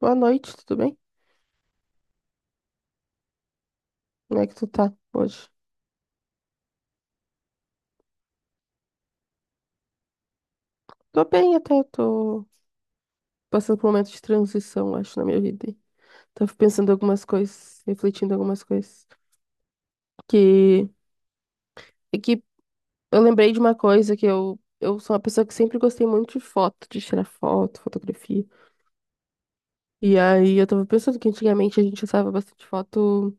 Boa noite, tudo bem? Como é que tu tá hoje? Tô bem até, tô passando por um momento de transição, acho, na minha vida, aí. Tava pensando algumas coisas, refletindo algumas coisas. Que, é que eu lembrei de uma coisa que eu sou uma pessoa que sempre gostei muito de foto, de tirar foto, fotografia. E aí eu tava pensando que antigamente a gente usava bastante foto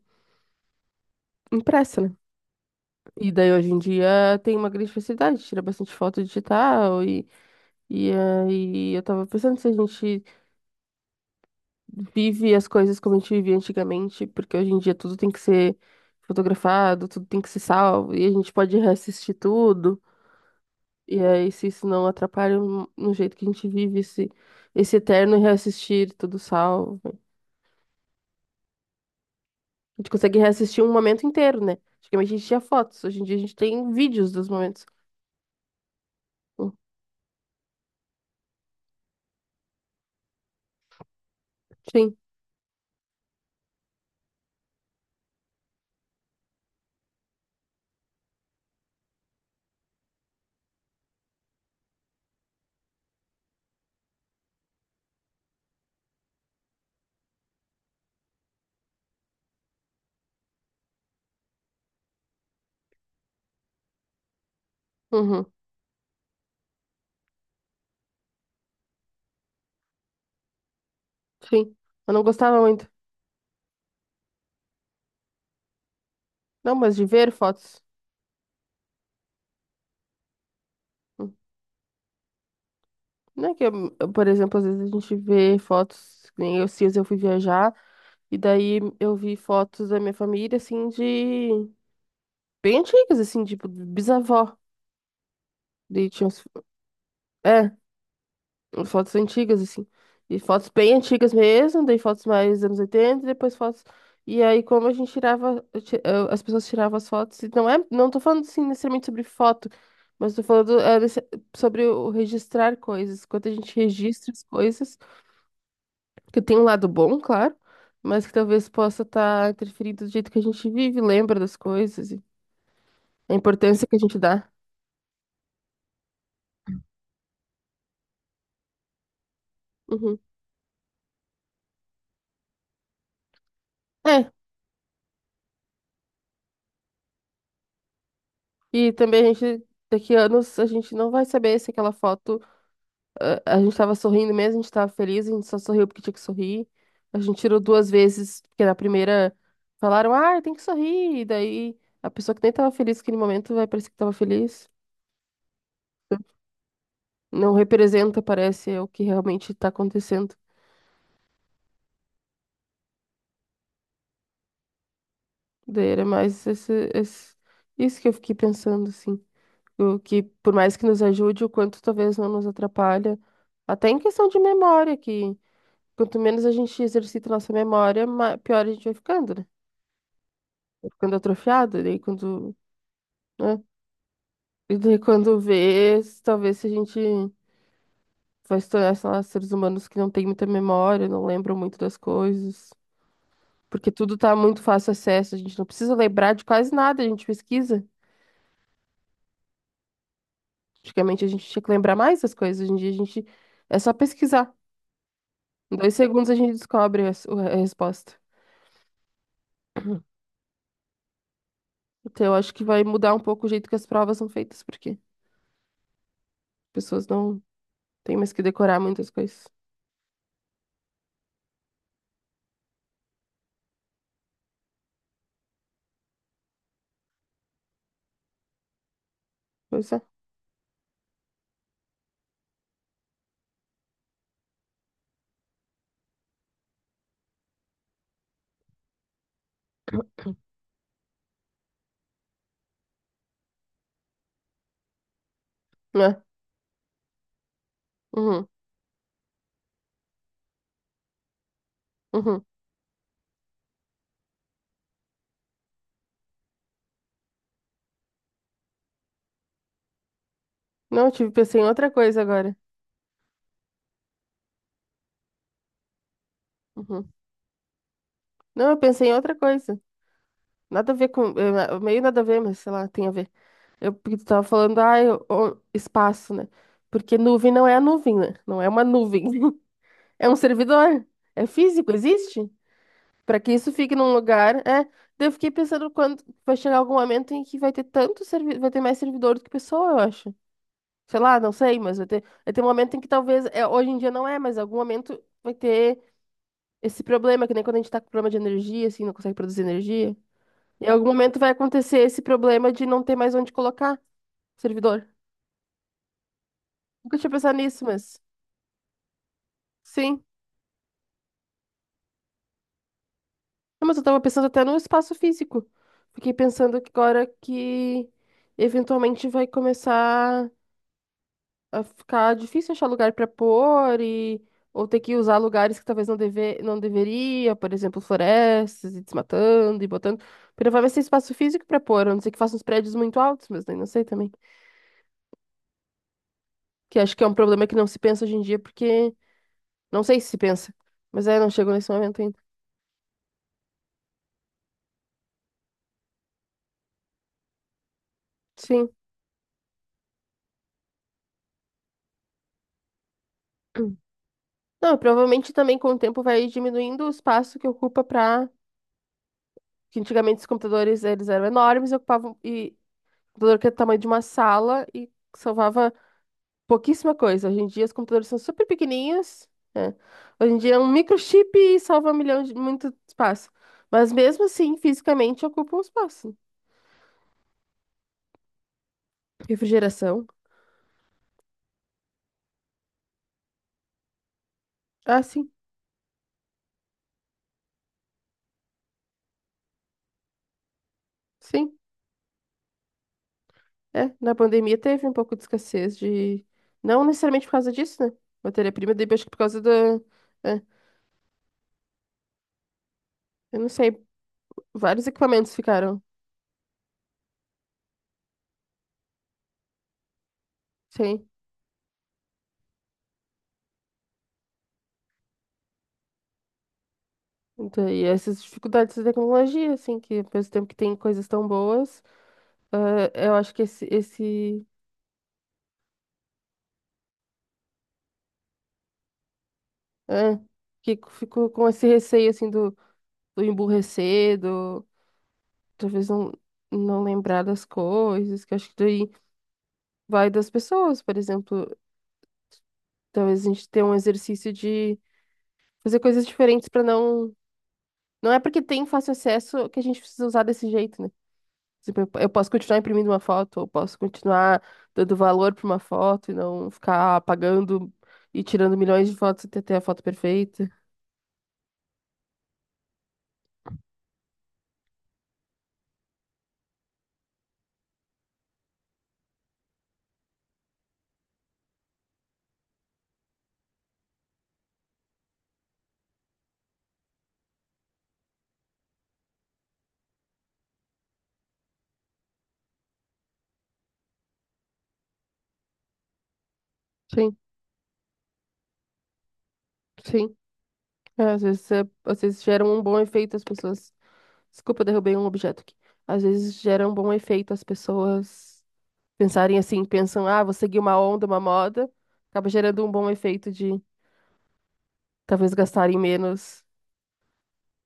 impressa, né? E daí hoje em dia tem uma grande facilidade de tirar bastante foto digital e aí eu tava pensando se a gente vive as coisas como a gente vivia antigamente, porque hoje em dia tudo tem que ser fotografado, tudo tem que ser salvo, e a gente pode reassistir tudo. E aí, se isso não atrapalha no jeito que a gente vive esse eterno reassistir tudo salvo. A gente consegue reassistir um momento inteiro, né? Antigamente a gente tinha fotos, hoje em dia a gente tem vídeos dos momentos. Hum. Sim. Uhum. Sim. Eu não gostava muito. Não, mas de ver fotos. Hum. Não é que, por exemplo, às vezes a gente vê fotos, que nem eu, se eu fui viajar. E daí eu vi fotos da minha família, assim, bem antigas, assim, tipo, bisavó. Daí tinha, é, fotos antigas, assim. E fotos bem antigas mesmo, daí fotos mais anos 80 e depois fotos. E aí, como a gente tirava, as pessoas tiravam as fotos, e não é. Não tô falando, assim, necessariamente sobre foto, mas tô falando, é, sobre o registrar coisas. Quando a gente registra as coisas, que tem um lado bom, claro, mas que talvez possa estar interferindo do jeito que a gente vive, lembra das coisas. A importância que a gente dá. Uhum. É, e também a gente, daqui a anos, a gente não vai saber se aquela foto, a gente tava sorrindo mesmo, a gente tava feliz, a gente só sorriu porque tinha que sorrir. A gente tirou duas vezes, porque na primeira falaram, ah, tem que sorrir, e daí a pessoa que nem tava feliz naquele momento vai parecer que tava feliz. Não representa, parece, é o que realmente tá acontecendo. Daí era mais isso que eu fiquei pensando, assim. O que, por mais que nos ajude, o quanto talvez não nos atrapalha. Até em questão de memória, que quanto menos a gente exercita nossa memória, pior a gente vai ficando, né? Vai ficando atrofiado, daí quando, né? E daí quando vê, talvez se a gente vai se tornar, sei lá, seres humanos que não têm muita memória, não lembram muito das coisas. Porque tudo tá muito fácil acesso, a gente não precisa lembrar de quase nada, a gente pesquisa. Antigamente a gente tinha que lembrar mais das coisas, hoje em dia a gente é só pesquisar. Em 2 segundos a gente descobre a resposta. Então eu acho que vai mudar um pouco o jeito que as provas são feitas, porque as pessoas não têm mais que decorar muitas coisas. Pois é. Né? Uhum, uhum. Não, pensei em outra coisa agora. Uhum. Não, eu pensei em outra coisa. Nada a ver com, meio nada a ver, mas sei lá, tem a ver. Eu, porque tu tava falando, ah, espaço, né? Porque nuvem não é a nuvem, né? Não é uma nuvem. É um servidor. É físico, existe? Pra que isso fique num lugar, é. Daí eu fiquei pensando quando vai chegar algum momento em que vai ter mais servidor do que pessoa, eu acho. Sei lá, não sei, mas vai ter um momento em que talvez, é, hoje em dia não é, mas em algum momento vai ter esse problema, que nem quando a gente tá com problema de energia, assim, não consegue produzir energia. Em algum momento vai acontecer esse problema de não ter mais onde colocar servidor. Nunca tinha pensado nisso, mas sim. Não, mas eu tava pensando até no espaço físico. Fiquei pensando que agora que eventualmente vai começar a ficar difícil achar lugar para pôr e, ou ter que usar lugares que talvez não deve, não deveria, por exemplo, florestas e desmatando e botando. Porque vai ser espaço físico para pôr, a não ser que faça uns prédios muito altos, mas daí não sei também. Que acho que é um problema que não se pensa hoje em dia, porque não sei se se pensa, mas é, não chegou nesse momento ainda. Sim. Não, provavelmente também com o tempo vai diminuindo o espaço que ocupa, para que antigamente os computadores eles eram enormes, e ocupavam e computador que é do tamanho de uma sala e salvava pouquíssima coisa. Hoje em dia os computadores são super pequenininhos, né? Hoje em dia é um microchip e salva um milhão de muito espaço. Mas mesmo assim, fisicamente ocupa um espaço. Refrigeração. Ah, sim. Sim. É. Na pandemia teve um pouco de escassez de. Não necessariamente por causa disso, né? Matéria-prima, daí acho que por causa da. é, Eu não sei. Vários equipamentos ficaram, sim. Então, e essas dificuldades da tecnologia, assim, que ao mesmo tempo que tem coisas tão boas, ah, eu acho que esse é, que ficou com esse receio assim do, emburrecer, do talvez não lembrar das coisas, que eu acho que daí vai das pessoas, por exemplo, talvez a gente tenha um exercício de fazer coisas diferentes para não. Não é porque tem fácil acesso que a gente precisa usar desse jeito, né? Tipo, eu posso continuar imprimindo uma foto, eu posso continuar dando valor para uma foto e não ficar apagando e tirando milhões de fotos até ter a foto perfeita. Sim, sim. É, às vezes, às vezes geram um bom efeito as pessoas. Desculpa, eu derrubei um objeto aqui. Às vezes gera um bom efeito as pessoas pensarem assim, pensam, ah, vou seguir uma onda, uma moda, acaba gerando um bom efeito de talvez gastarem menos,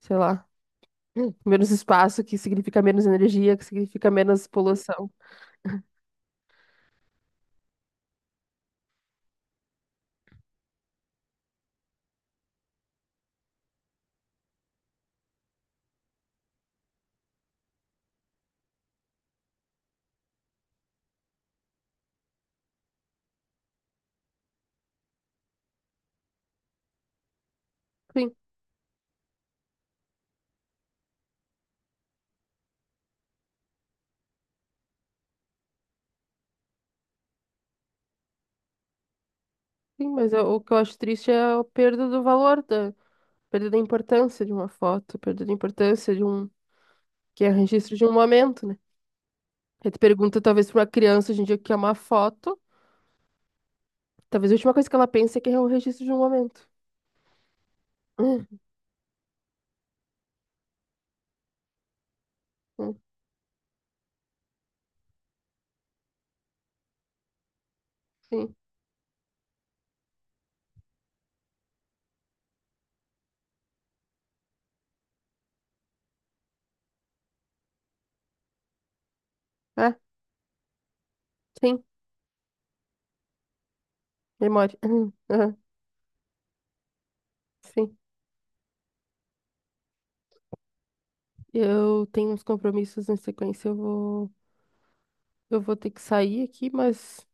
sei lá, menos espaço, que significa menos energia, que significa menos poluição. Sim, sim, mas o que eu acho triste é a perda do valor, da perda da importância de uma foto, perda da importância de um, que é registro de um momento, né? Aí tu pergunta, talvez, pra uma criança hoje em dia o que é uma foto, talvez a última coisa que ela pense é que é o registro de um momento. Hum, hum. Sim, é, sim, memória. Aham, aham. Sim. Eu tenho uns compromissos na sequência, eu vou, ter que sair aqui, mas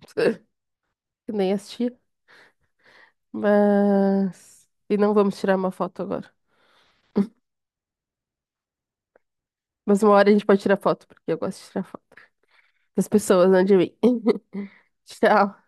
que nem assistir. Mas e não vamos tirar uma foto agora. Mas uma hora a gente pode tirar foto, porque eu gosto de tirar foto das pessoas, não de mim. Tchau.